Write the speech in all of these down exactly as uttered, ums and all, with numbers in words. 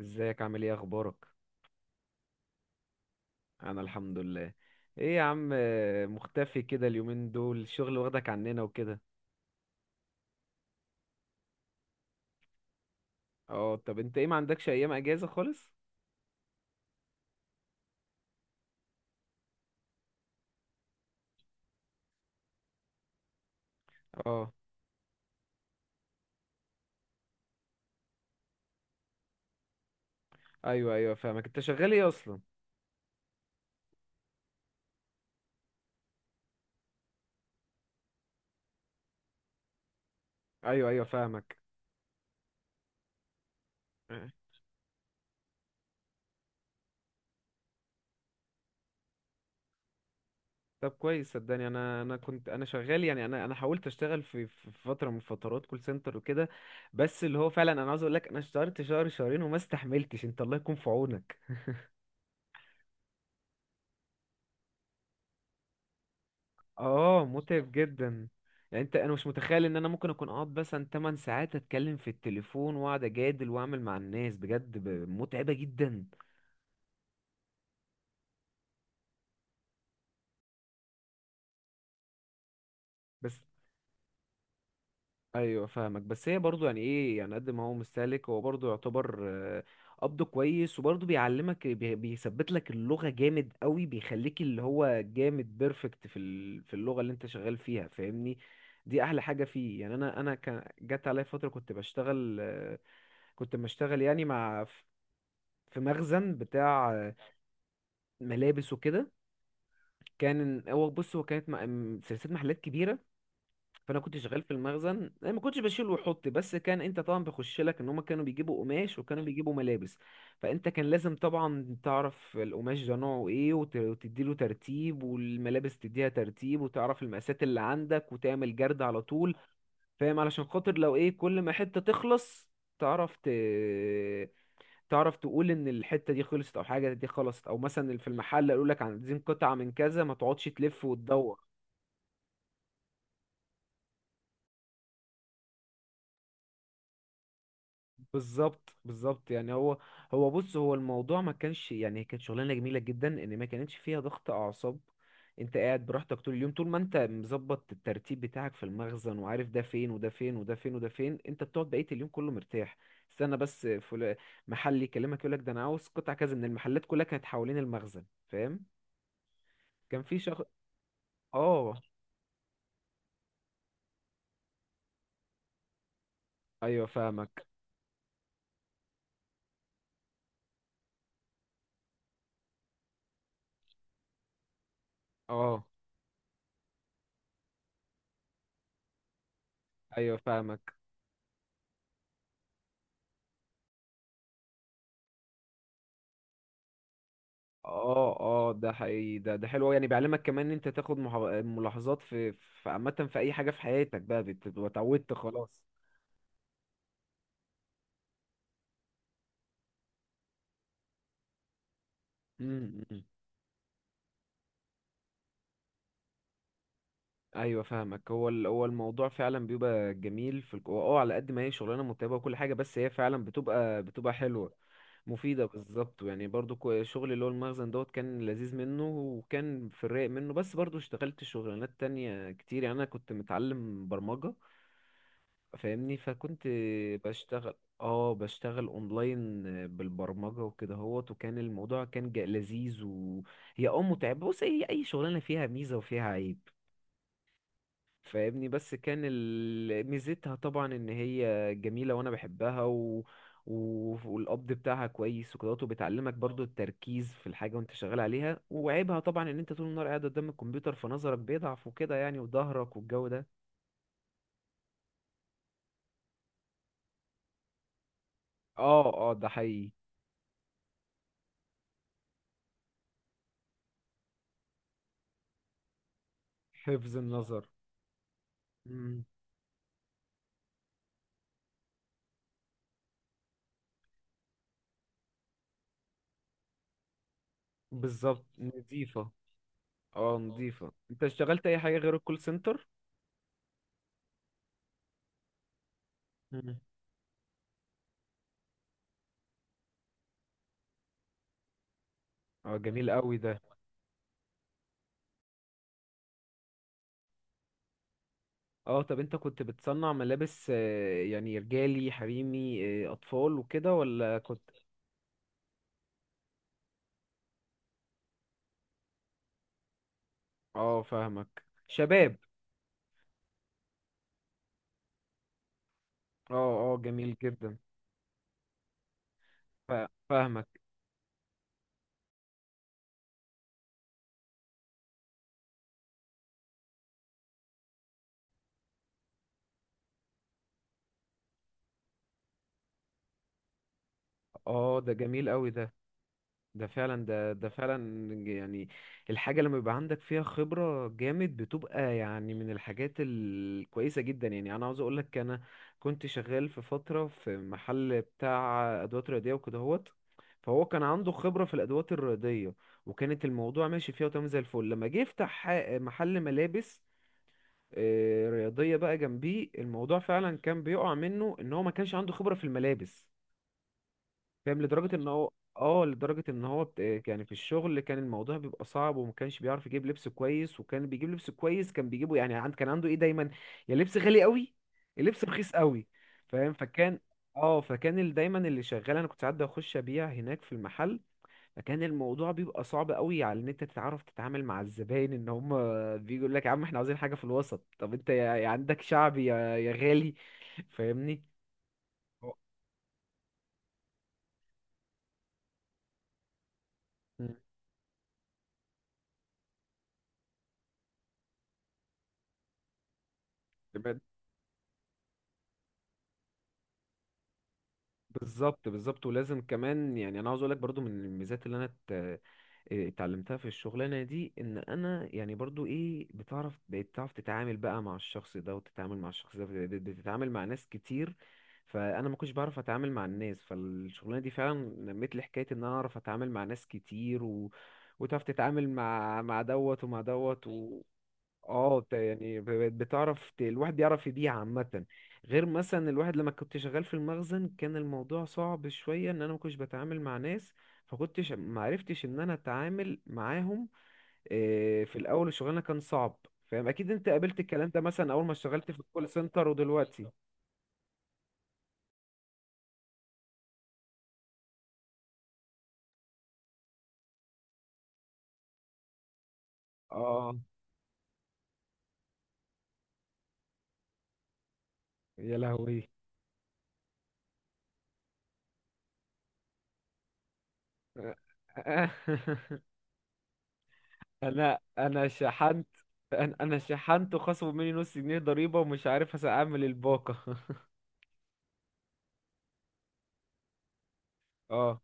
ازيك، عامل ايه، اخبارك؟ انا الحمد لله. ايه يا عم، آه، مختفي كده اليومين دول، الشغل واخدك عننا وكده. اه، طب انت ايه ما عندكش ايام اجازة خالص؟ اه، ايوه، ايوه، فاهمك. انت شغال ايه اصلا؟ ايوه، ايوه، فاهمك. آه. طب كويس، صدقني انا انا كنت انا شغال، يعني انا انا حاولت اشتغل في في فتره من فترات كول سنتر وكده. بس اللي هو فعلا انا عاوز اقول لك، انا اشتغلت شهر شهرين وما استحملتش. انت الله يكون في عونك. اه، متعب جدا. يعني انت، انا مش متخيل ان انا ممكن اكون اقعد مثلا تمن ساعات اتكلم في التليفون واقعد اجادل واعمل مع الناس، بجد ب- متعبة جدا. بس، ايوه فاهمك. بس هي برضو يعني ايه؟ يعني قد ما هو مستهلك، هو برضو يعتبر آه، قبضه كويس، وبرضو بيعلمك، بي- بيثبت لك اللغة جامد قوي. بيخليك اللي هو جامد بيرفكت في ال- في اللغة اللي انت شغال فيها، فاهمني. دي احلى حاجة فيه. يعني انا انا كان جت عليا فترة كنت بشتغل آه، كنت بشتغل يعني مع، في مخزن بتاع آه، ملابس وكده. كان هو بص، هو كانت م- م- سلسله محلات كبيره. فانا كنت شغال في المخزن، أنا ما كنتش بشيل وحط، بس كان انت طبعا بخش لك ان هم كانوا بيجيبوا قماش وكانوا بيجيبوا ملابس. فانت كان لازم طبعا تعرف القماش ده نوعه ايه، وت- وتديله ترتيب، والملابس تديها ترتيب، وتعرف المقاسات اللي عندك، وتعمل جرد على طول. فاهم، علشان خاطر لو ايه كل ما حته تخلص، تعرف ت... تعرف تقول ان الحته دي خلصت او حاجه دي خلصت، او مثلا في المحل قالوا لك عايزين قطعه من كذا، ما تقعدش تلف وتدور. بالظبط، بالظبط، يعني هو، هو بص، هو الموضوع ما كانش يعني، كانت شغلانه جميله جدا ان ما كانتش فيها ضغط اعصاب. انت قاعد براحتك طول اليوم. طول ما انت مظبط الترتيب بتاعك في المخزن وعارف ده فين وده فين وده فين وده فين، انت بتقعد بقيه اليوم كله مرتاح. استنى بس فل... محل يكلمك يقول لك ده انا عاوز قطع كذا، من المحلات كلها كانت حوالين المخزن. فاهم. كان في شخص. اه، ايوه فاهمك. اه، ايوه فاهمك. اه، اه، ده حقيقي. ده ده حلو أوي. يعني بيعلمك كمان ان انت تاخد محا- ملاحظات في في عامه، في اي حاجه في حياتك بقى، بتبقى اتعودت خلاص. امم، ايوه فاهمك. هو ال- هو الموضوع فعلا بيبقى جميل في الك- هو، اه، على قد ما هي شغلانه متعبه وكل حاجه، بس هي فعلا بتبقى بتبقى حلوه. مفيده، بالظبط. يعني برضو كو- شغل اللي هو المخزن دوت كان لذيذ منه، وكان في الرايق منه. بس برضو اشتغلت شغلانات تانية كتير. يعني انا كنت متعلم برمجه، فاهمني. فكنت بشتغل اه بشتغل اونلاين بالبرمجة وكده هوت. وكان الموضوع كان جا- لذيذ. وهي اه متعبة. بص، هي اي شغلانة فيها ميزة وفيها عيب، فاهمني. بس كان ال... ميزتها طبعا ان هي جميلة وانا بحبها و... و... والقبض بتاعها كويس وكده، وبتعلمك برضو التركيز في الحاجة وانت شغال عليها. وعيبها طبعا ان انت طول النهار قاعد قدام الكمبيوتر فنظرك بيضعف وكده يعني، وظهرك والجو ده. اه، اه، ده حقيقي. حفظ النظر. بالظبط، نظيفة اه نظيفة انت اشتغلت اي حاجة غير الكول سنتر؟ مم. اه، جميل قوي ده. اه، طب انت كنت بتصنع ملابس، آه، يعني رجالي حريمي، آه، اطفال وكده، ولا كنت؟ اه، فاهمك، شباب. اه، اه، جميل جدا. فا- فاهمك. اه، ده جميل قوي ده. ده فعلا، ده ده فعلا، يعني الحاجة لما يبقى عندك فيها خبرة جامد بتبقى يعني من الحاجات الكويسة جدا. يعني أنا عاوز أقولك، أنا كنت شغال في فترة في محل بتاع أدوات رياضية وكده هوت. فهو كان عنده خبرة في الأدوات الرياضية، وكانت الموضوع ماشي فيها وتمام زي الفل. لما جه يفتح ح- محل ملابس آه، رياضية بقى جنبيه، الموضوع فعلا كان بيقع منه إن هو ما كانش عنده خبرة في الملابس، فاهم. لدرجة ان هو اه لدرجة ان هو بت... يعني في الشغل كان الموضوع بيبقى صعب، وما كانش بيعرف يجيب لبس كويس. وكان بيجيب لبس كويس، كان بيجيبه يعني عند كان عنده ايه دايما، يا لبس غالي قوي، يا لبس رخيص قوي، فاهم. فكان اه فكان ال- دايما اللي شغال، انا كنت ساعات بخش ابيع هناك في المحل. فكان الموضوع بيبقى صعب قوي على ان انت تتعرف تتعامل مع الزباين، ان هم بيجوا لك يا عم احنا عاوزين حاجة في الوسط. طب انت يا يا عندك شعبي، يا يا غالي، فاهمني. هو، مم. بالظبط، بالظبط، ولازم كمان. يعني انا عاوز اقول لك برضو من الميزات اللي انا ات- آه، اتعلمتها في الشغلانه دي، ان انا يعني برضو ايه، بتعرف بتعرف تتعامل بقى مع الشخص ده، وتتعامل مع الشخص ده، بت- بتتعامل مع ناس كتير. فانا ما كنتش بعرف اتعامل مع الناس. فالشغلانه دي فعلا نمت لي حكايه ان انا اعرف اتعامل مع ناس كتير و... وتعرف تتعامل مع مع دوت ومع دوت. اه، بت- يعني ب- بقت بتعرف ت- الواحد بيعرف يبيع عامة. غير مثلا الواحد لما كنت شغال في المخزن كان الموضوع صعب شوية، ان انا ما كنتش بتعامل مع ناس، فكنتش ما عرفتش ان انا اتعامل معاهم. آه، في الاول الشغلانة كان صعب، فاهم. اكيد انت قابلت الكلام ده مثلا اول ما اشتغلت في الكول سنتر ودلوقتي. اه، يا لهوي. انا انا شحنت، انا أنا شحنت وخصموا مني نص جنيه ضريبة ومش عارف هس- اعمل الباقة. اه،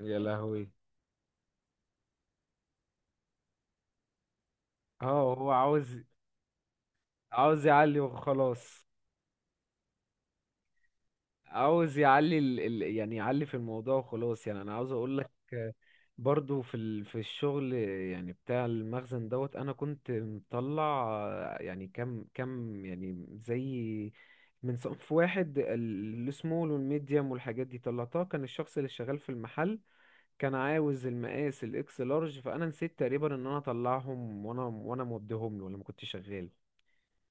يا لهوي. اه، هو عاوز عاوز يعلي وخلاص. عاوز يعلي ال... ال... يعني يعلي في الموضوع وخلاص. يعني انا عاوز اقول لك، برضو في ال... في الشغل يعني بتاع المخزن دوت، انا كنت مطلع آه، يعني كم كم، يعني زي، من صنف واحد ال- السمول والميديم والحاجات دي طلعتها. كان الشخص اللي شغال في المحل كان عاوز المقاس الاكس لارج. فانا نسيت تقريبا ان انا اطلعهم، وانا وانا موديهم له لما كنت شغال.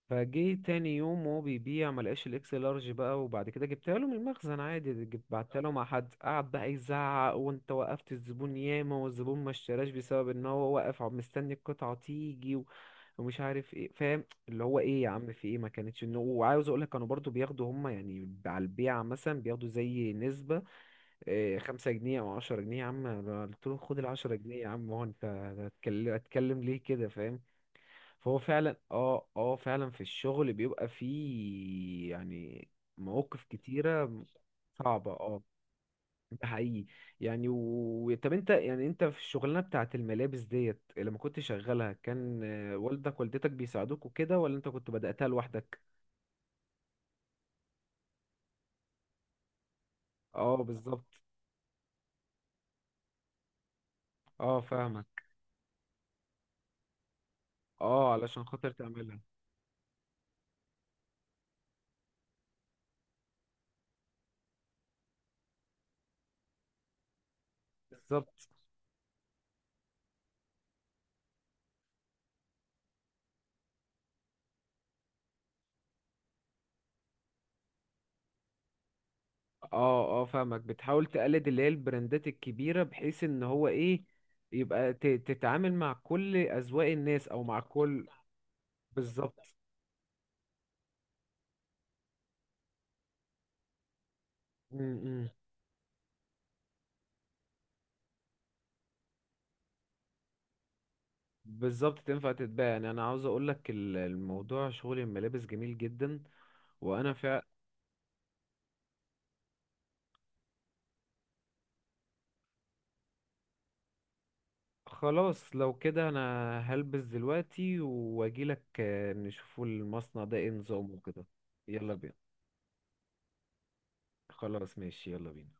فجه تاني يوم وهو بيبيع ملقاش الاكس لارج بقى. وبعد كده جبتها له من المخزن عادي، جب- بعتها له مع حد. قعد بقى يزعق، وانت وقفت الزبون ياما والزبون ما اشتراش بسبب ان هو واقف عم- مستني القطعة تيجي و- ومش عارف ايه، فاهم اللي هو ايه، يا عم في ايه، ما كانتش انه. وعاوز اقول لك، كانوا برضو بياخدوا هم يعني على البيعة مثلا بياخدوا زي نسبة إيه، خمسة جنيه او عشرة جنيه. يا عم أنا قلت له خد العشرة جنيه. يا عم هو، انت هتكلم هتكلم ليه كده، فاهم؟ فهو فعلا. اه، اه، فعلا في الشغل بيبقى فيه يعني مواقف كتيرة صعبة. اه، ده حقيقي. يعني و... طب انت، يعني انت في الشغلانة بتاعت الملابس ديت لما كنت شغالها، كان، آه، والدك والدتك بيساعدوك وكده، ولا انت كنت بدأتها لوحدك؟ اه، بالظبط. اه، فاهمك. اه، علشان خاطر تعملها. بالظبط. اه، اه، فاهمك. بتحاول تقلد اللي هي البراندات الكبيرة، بحيث ان هو ايه، يبقى ت- تتعامل مع كل اذواق الناس، او مع كل، بالظبط. م- م. بالظبط، تنفع تتباع. يعني انا عاوز اقولك ال- الموضوع شغل الملابس جميل جدا. وانا فع خلاص، لو كده انا هلبس دلوقتي واجيلك، آه، نشوفوا المصنع ده ايه نظامه وكده. يلا بينا. خلاص ماشي. يلا بينا.